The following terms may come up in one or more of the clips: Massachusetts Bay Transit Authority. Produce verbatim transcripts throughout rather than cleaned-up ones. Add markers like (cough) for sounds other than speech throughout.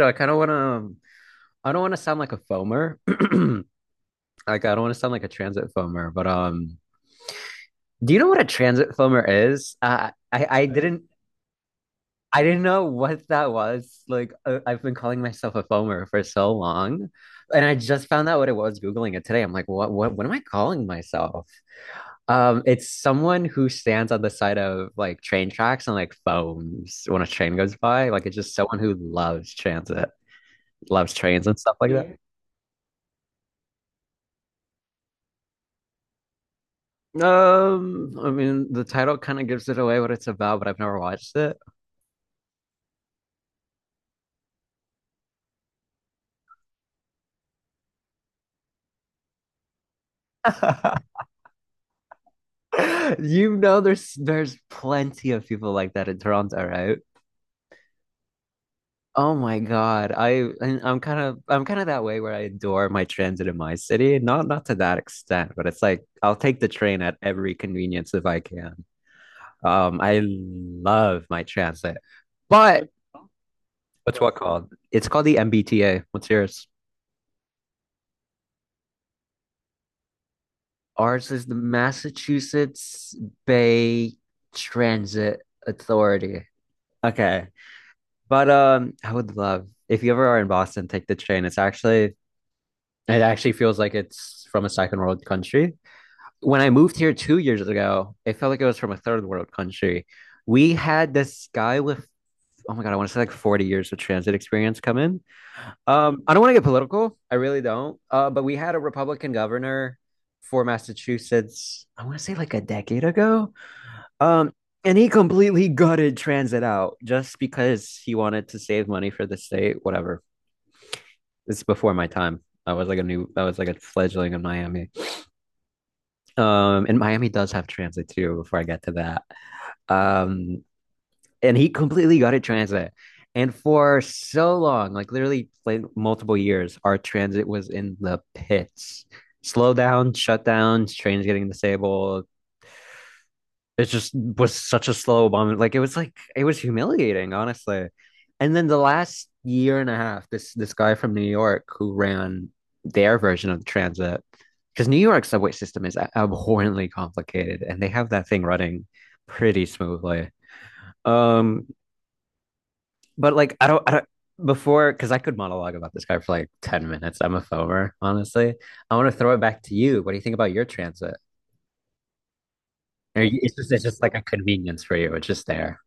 So I kind of want to, I don't want to sound like a foamer. (clears throat) Like I don't want to sound like a transit foamer, but um, do you know what a transit foamer is? Uh, I I didn't I didn't know what that was. Like uh, I've been calling myself a foamer for so long, and I just found out what it was Googling it today. I'm like, what what what am I calling myself? Um, it's someone who stands on the side of like train tracks and like foams when a train goes by. Like it's just someone who loves transit, loves trains and stuff like that. Um, I mean, the title kind of gives it away what it's about, but I've never watched it. (laughs) You know, there's there's plenty of people like that in Toronto, right? Oh my God, I and I'm kind of I'm kind of that way where I adore my transit in my city. Not not to that extent, but it's like I'll take the train at every convenience if I can. Um, I love my transit, but what's what called? It's called the M B T A. What's yours? Ours is the Massachusetts Bay Transit Authority. Okay. But um I would love if you ever are in Boston, take the train. It's actually it actually feels like it's from a second world country. When I moved here two years ago, it felt like it was from a third world country. We had this guy with oh my God, I want to say like forty years of transit experience come in. Um, I don't want to get political. I really don't. Uh, but we had a Republican governor for Massachusetts, I want to say like a decade ago. Um, and he completely gutted transit out just because he wanted to save money for the state, whatever. It's before my time. I was like a new, I was like a fledgling in Miami. Um, and Miami does have transit too, before I get to that. Um, and he completely got it transit. And for so long, like literally like multiple years, our transit was in the pits. Slow down, shut down, trains getting disabled. It just was such a slow bomb. Like it was like it was humiliating, honestly. And then the last year and a half, this this guy from New York who ran their version of the transit, because New York's subway system is abhorrently complicated, and they have that thing running pretty smoothly. Um, but like I don't, I don't before because I could monologue about this guy for like ten minutes. I'm a foamer, honestly. I want to throw it back to you. What do you think about your transit? Or you- it's just it's just like a convenience for you. It's just there.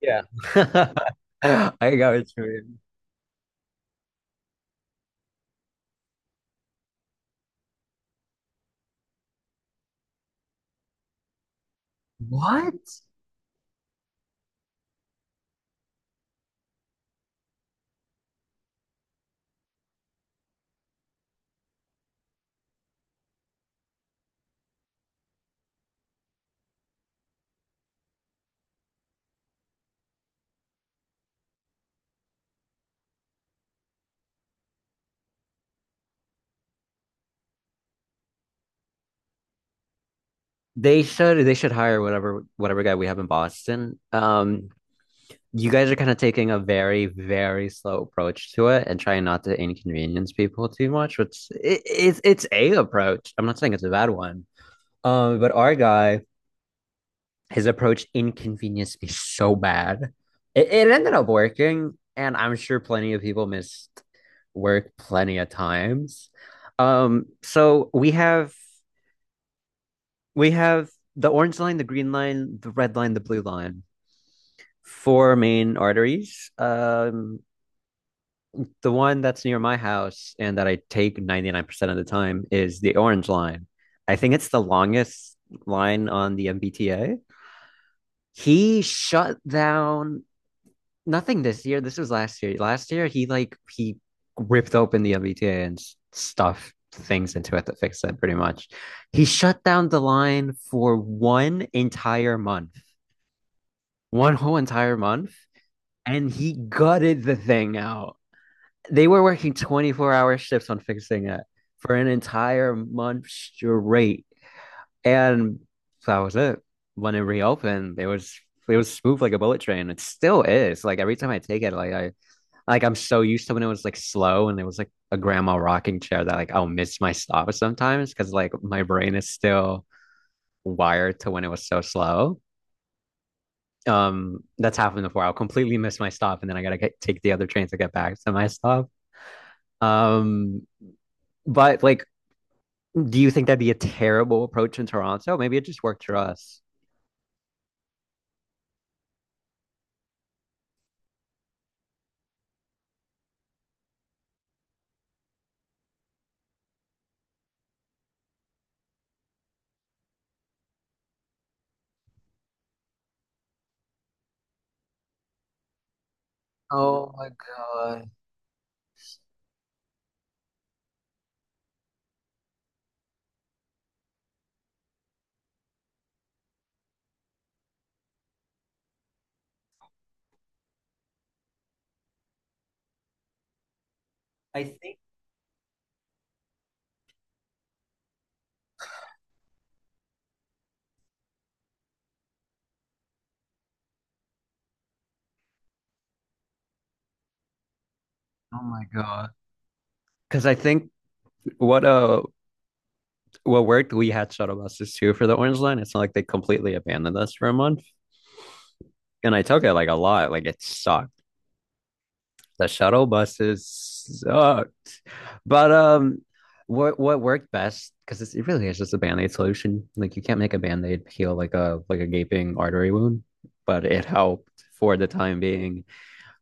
Yeah. (laughs) I got it. What? They should they should hire whatever whatever guy we have in Boston. Um, you guys are kind of taking a very, very slow approach to it and trying not to inconvenience people too much, which it, it's it's a approach. I'm not saying it's a bad one. Um, but our guy, his approach inconvenienced me so bad. It, it ended up working, and I'm sure plenty of people missed work plenty of times. Um, so we have we have the orange line, the green line, the red line, the blue line. Four main arteries. Um, the one that's near my house and that I take ninety-nine percent of the time is the Orange Line. I think it's the longest line on the M B T A. He shut down nothing this year. This was last year. Last year, he like, he ripped open the M B T A and stuffed things into it to fix it pretty much. He shut down the line for one entire month, one whole entire month, and he gutted the thing out they were working twenty-four hour shifts on fixing it for an entire month straight. And that was it. When it reopened, it was it was smooth like a bullet train. It still is. Like every time I take it, like I like I'm so used to when it was like slow and it was like a grandma rocking chair that like I'll miss my stop sometimes because like my brain is still wired to when it was so slow. Um, that's happened before. I'll completely miss my stop and then I gotta get, take the other train to get back to my stop. Um, but like Do you think that'd be a terrible approach in Toronto? Maybe it just worked for us. Oh my God. I think Oh my God. Because I think what uh what worked, we had shuttle buses too for the Orange Line. It's not like they completely abandoned us for a month. And I took it like a lot. Like it sucked. The shuttle buses sucked. But um What what worked best, because it really is just a band-aid solution. Like you can't make a band-aid heal like a like a gaping artery wound, but it helped for the time being.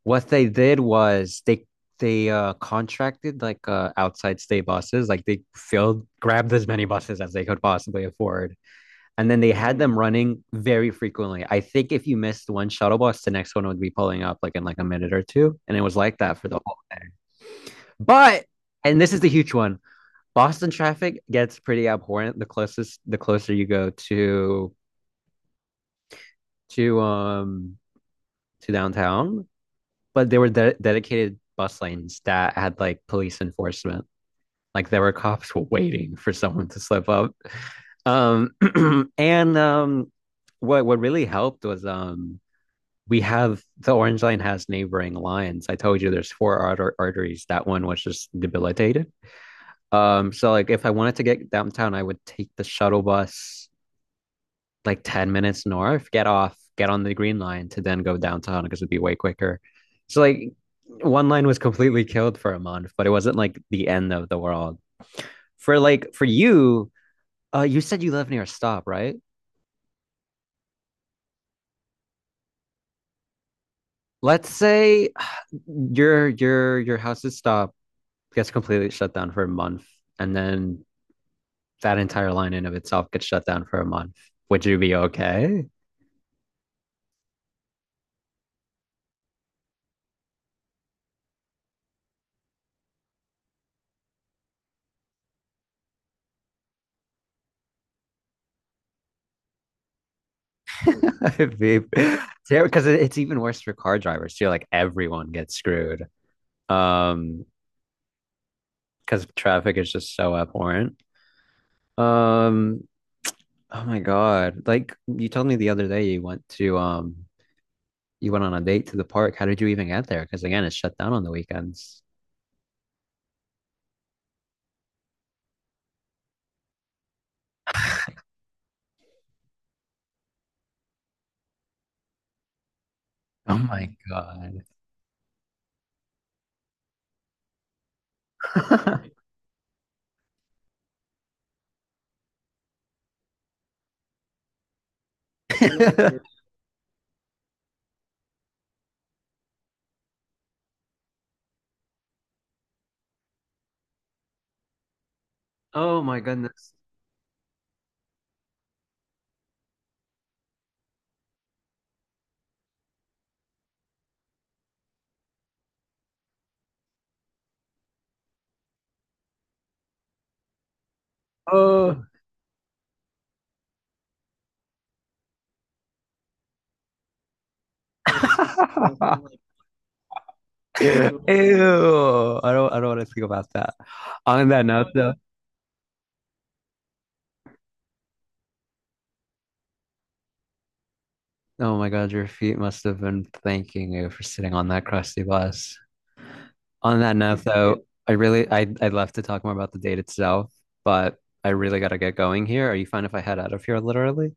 What they did was they they uh contracted like uh outside state buses, like they filled grabbed as many buses as they could possibly afford. And then they had them running very frequently. I think if you missed one shuttle bus, the next one would be pulling up like in like a minute or two. And it was like that for the whole. But and this is the huge one. Boston traffic gets pretty abhorrent the closest the closer you go to to um to downtown. But there were de- dedicated bus lanes that had like police enforcement like there were cops (laughs) waiting for someone to slip up um (clears throat) and um what what really helped was um we have the orange line has neighboring lines. I told you there's four arter- arteries. That one was just debilitated. Um so like if I wanted to get downtown, I would take the shuttle bus like ten minutes north, get off, get on the green line to then go downtown because it'd be way quicker. So like one line was completely killed for a month, but it wasn't like the end of the world. For like for you, Uh, you said you live near a stop, right? Let's say your your your house's stop gets completely shut down for a month, and then that entire line in of itself gets shut down for a month. Would you be okay? It (laughs) be because it's even worse for car drivers too. Like everyone gets screwed. Um, because traffic is just so abhorrent. Um, oh my God. Like you told me the other day you went to um you went on a date to the park. How did you even get there? Because again, it's shut down on the weekends. Oh my god. (laughs) (laughs) Oh my goodness. Oh. (laughs) Ew. I don't I don't want to think about that. On that note though, oh my god, your feet must have been thanking you for sitting on that crusty bus. On that note though, I really I I'd love to talk more about the date itself, but I really gotta get going here. Are you fine if I head out of here literally?